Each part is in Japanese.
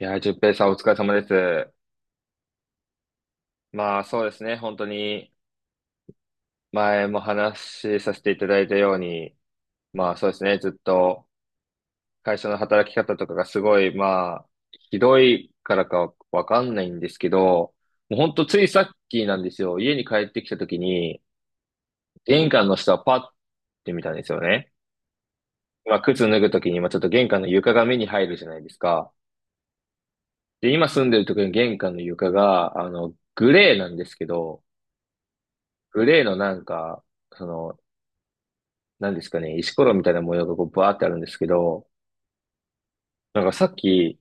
いやー、淳平さんお疲れ様です。そうですね、本当に前も話しさせていただいたように、そうですね、ずっと会社の働き方とかがすごい、ひどいからかわかんないんですけど、もう本当ついさっきなんですよ、家に帰ってきた時に、玄関の下をパッて見たんですよね。靴脱ぐ時に、ちょっと玄関の床が目に入るじゃないですか。で、今住んでる時の玄関の床が、グレーなんですけど、グレーのなんか、その、なんですかね、石ころみたいな模様がこうバーってあるんですけど、なんかさっき、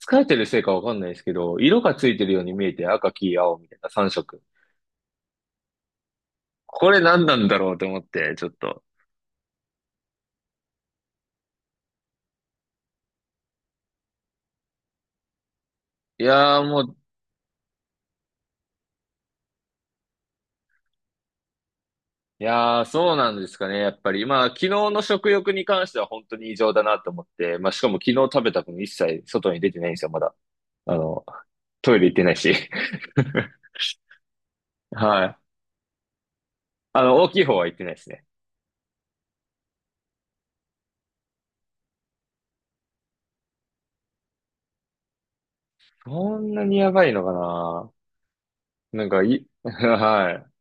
疲れてるせいかわかんないですけど、色がついてるように見えて赤、黄、青みたいな3色。これ何なんだろうと思って、ちょっと。いやーもう、いやーそうなんですかね、やっぱり。まあ、昨日の食欲に関しては本当に異常だなと思って、まあ、しかも昨日食べた分一切外に出てないんですよ、まだ。あの、トイレ行ってないし。はい。あの、大きい方は行ってないですね。そんなにやばいのかな。なんかい、はい。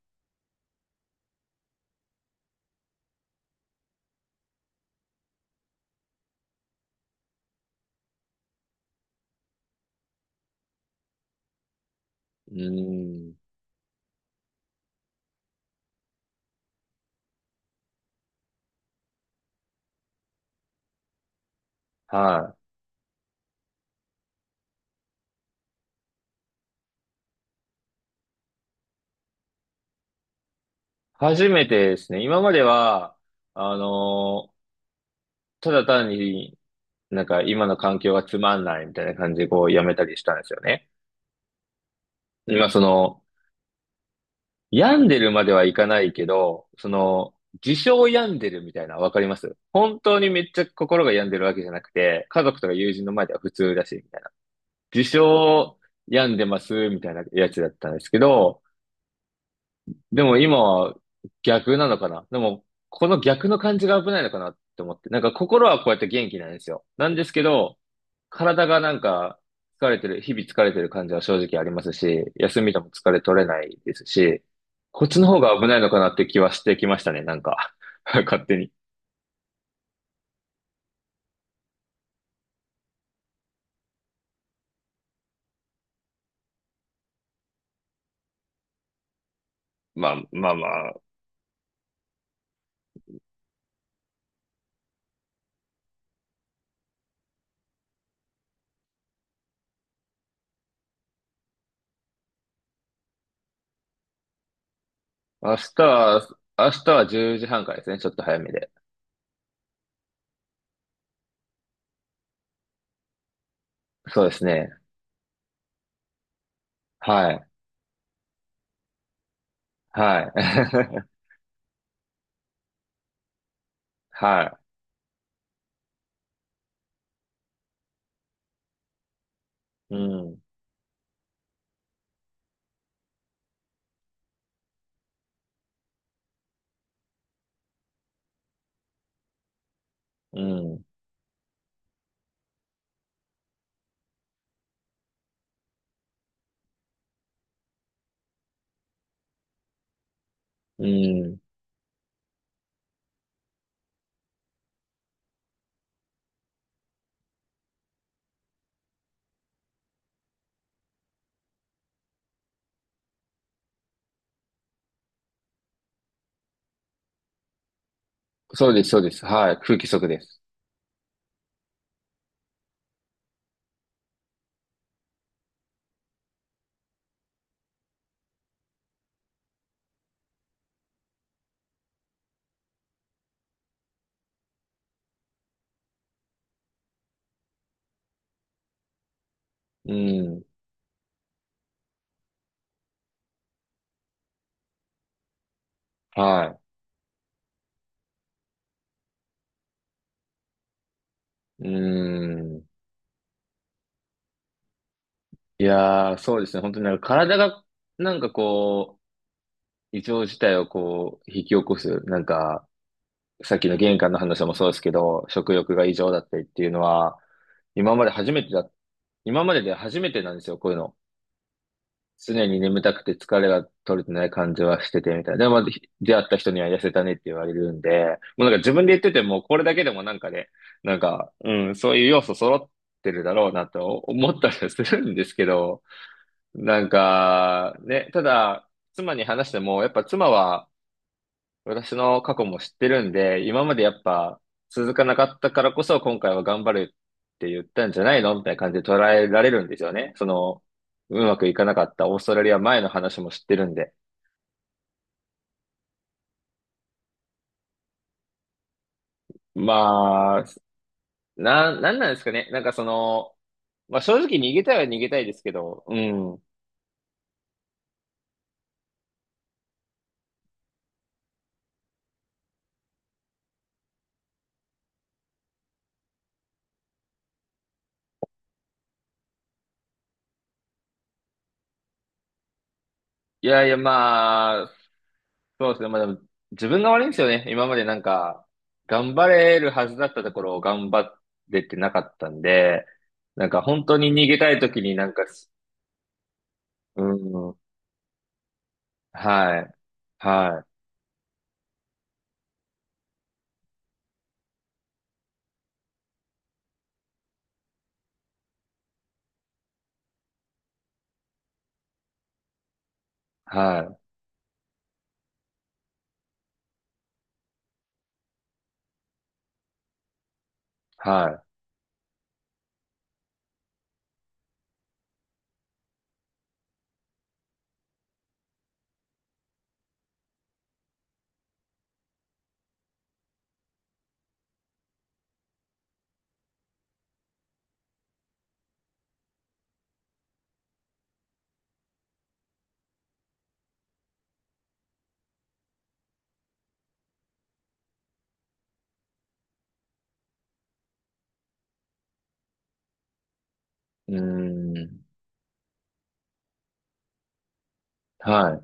うーん。はい。初めてですね。今までは、あのーただ単に、なんか今の環境がつまんないみたいな感じでこうやめたりしたんですよね。今その、病んでるまではいかないけど、その、自称病んでるみたいな、わかります、本当にめっちゃ心が病んでるわけじゃなくて、家族とか友人の前では普通だし、みたいな。自称病んでますみたいなやつだったんですけど、でも今は逆なのかな。でも、この逆の感じが危ないのかなって思って。なんか心はこうやって元気なんですよ。なんですけど、体がなんか疲れてる、日々疲れてる感じは正直ありますし、休みでも疲れ取れないですし、こっちの方が危ないのかなって気はしてきましたね、なんか。勝手に。まあまあまあ。明日は、明日は10時半からですね、ちょっと早めで。そうですね。はい。はい。はい。うん。うん。うん。そうです、そうです。はい。空気不足です。うん。はい。うん。いやー、そうですね。本当になんか体が、なんかこう、異常事態をこう、引き起こす。なんか、さっきの玄関の話もそうですけど、食欲が異常だったりっていうのは、今まで初めてだ、今までで初めてなんですよ、こういうの。常に眠たくて疲れが取れてない感じはしててみたいな。でも、まあひ出会った人には痩せたねって言われるんで、もうなんか自分で言ってても、これだけでもなんかね、なんか、うん、そういう要素揃ってるだろうなと思ったりはするんですけど、なんか、ね、ただ、妻に話しても、やっぱ妻は、私の過去も知ってるんで、今までやっぱ続かなかったからこそ今回は頑張るって言ったんじゃないのみたいな感じで捉えられるんですよね。その、うまくいかなかったオーストラリア前の話も知ってるんで。まあ、な、なんなんですかね。なんかその、まあ正直逃げたいは逃げたいですけど、うん。いやいやまあ、そうですね。まあでも、自分が悪いんですよね。今までなんか、頑張れるはずだったところを頑張れてなかったんで、なんか本当に逃げたい時になんか、うん、はい、はい、はい、はい、うん、は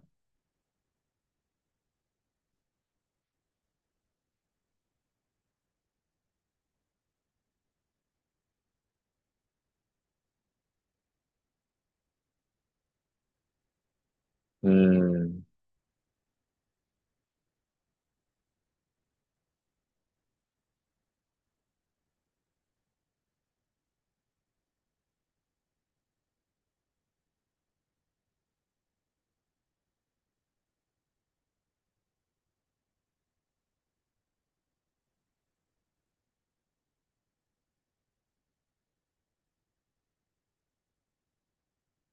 い、うん、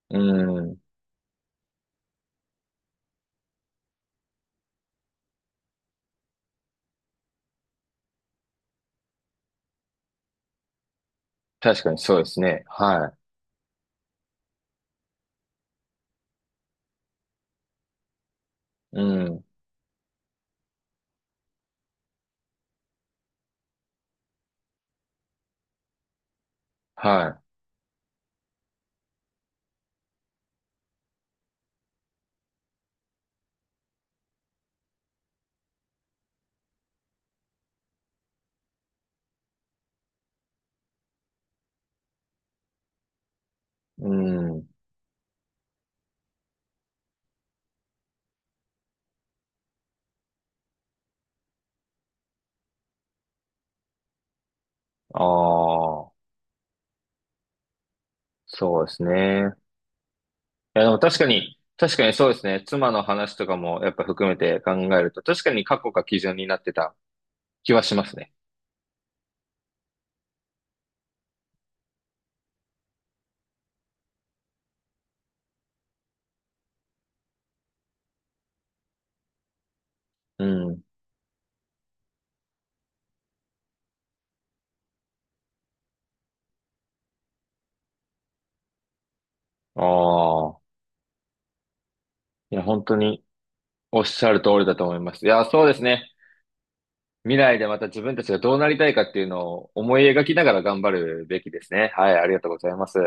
うん、確かにそうですね。はい、うん、はい、うん、ああ、そうですね。や、でも確かに、確かにそうですね。妻の話とかもやっぱ含めて考えると、確かに過去が基準になってた気はしますね。うん。ああ。いや、本当におっしゃる通りだと思います。いや、そうですね。未来でまた自分たちがどうなりたいかっていうのを思い描きながら頑張るべきですね。はい、ありがとうございます。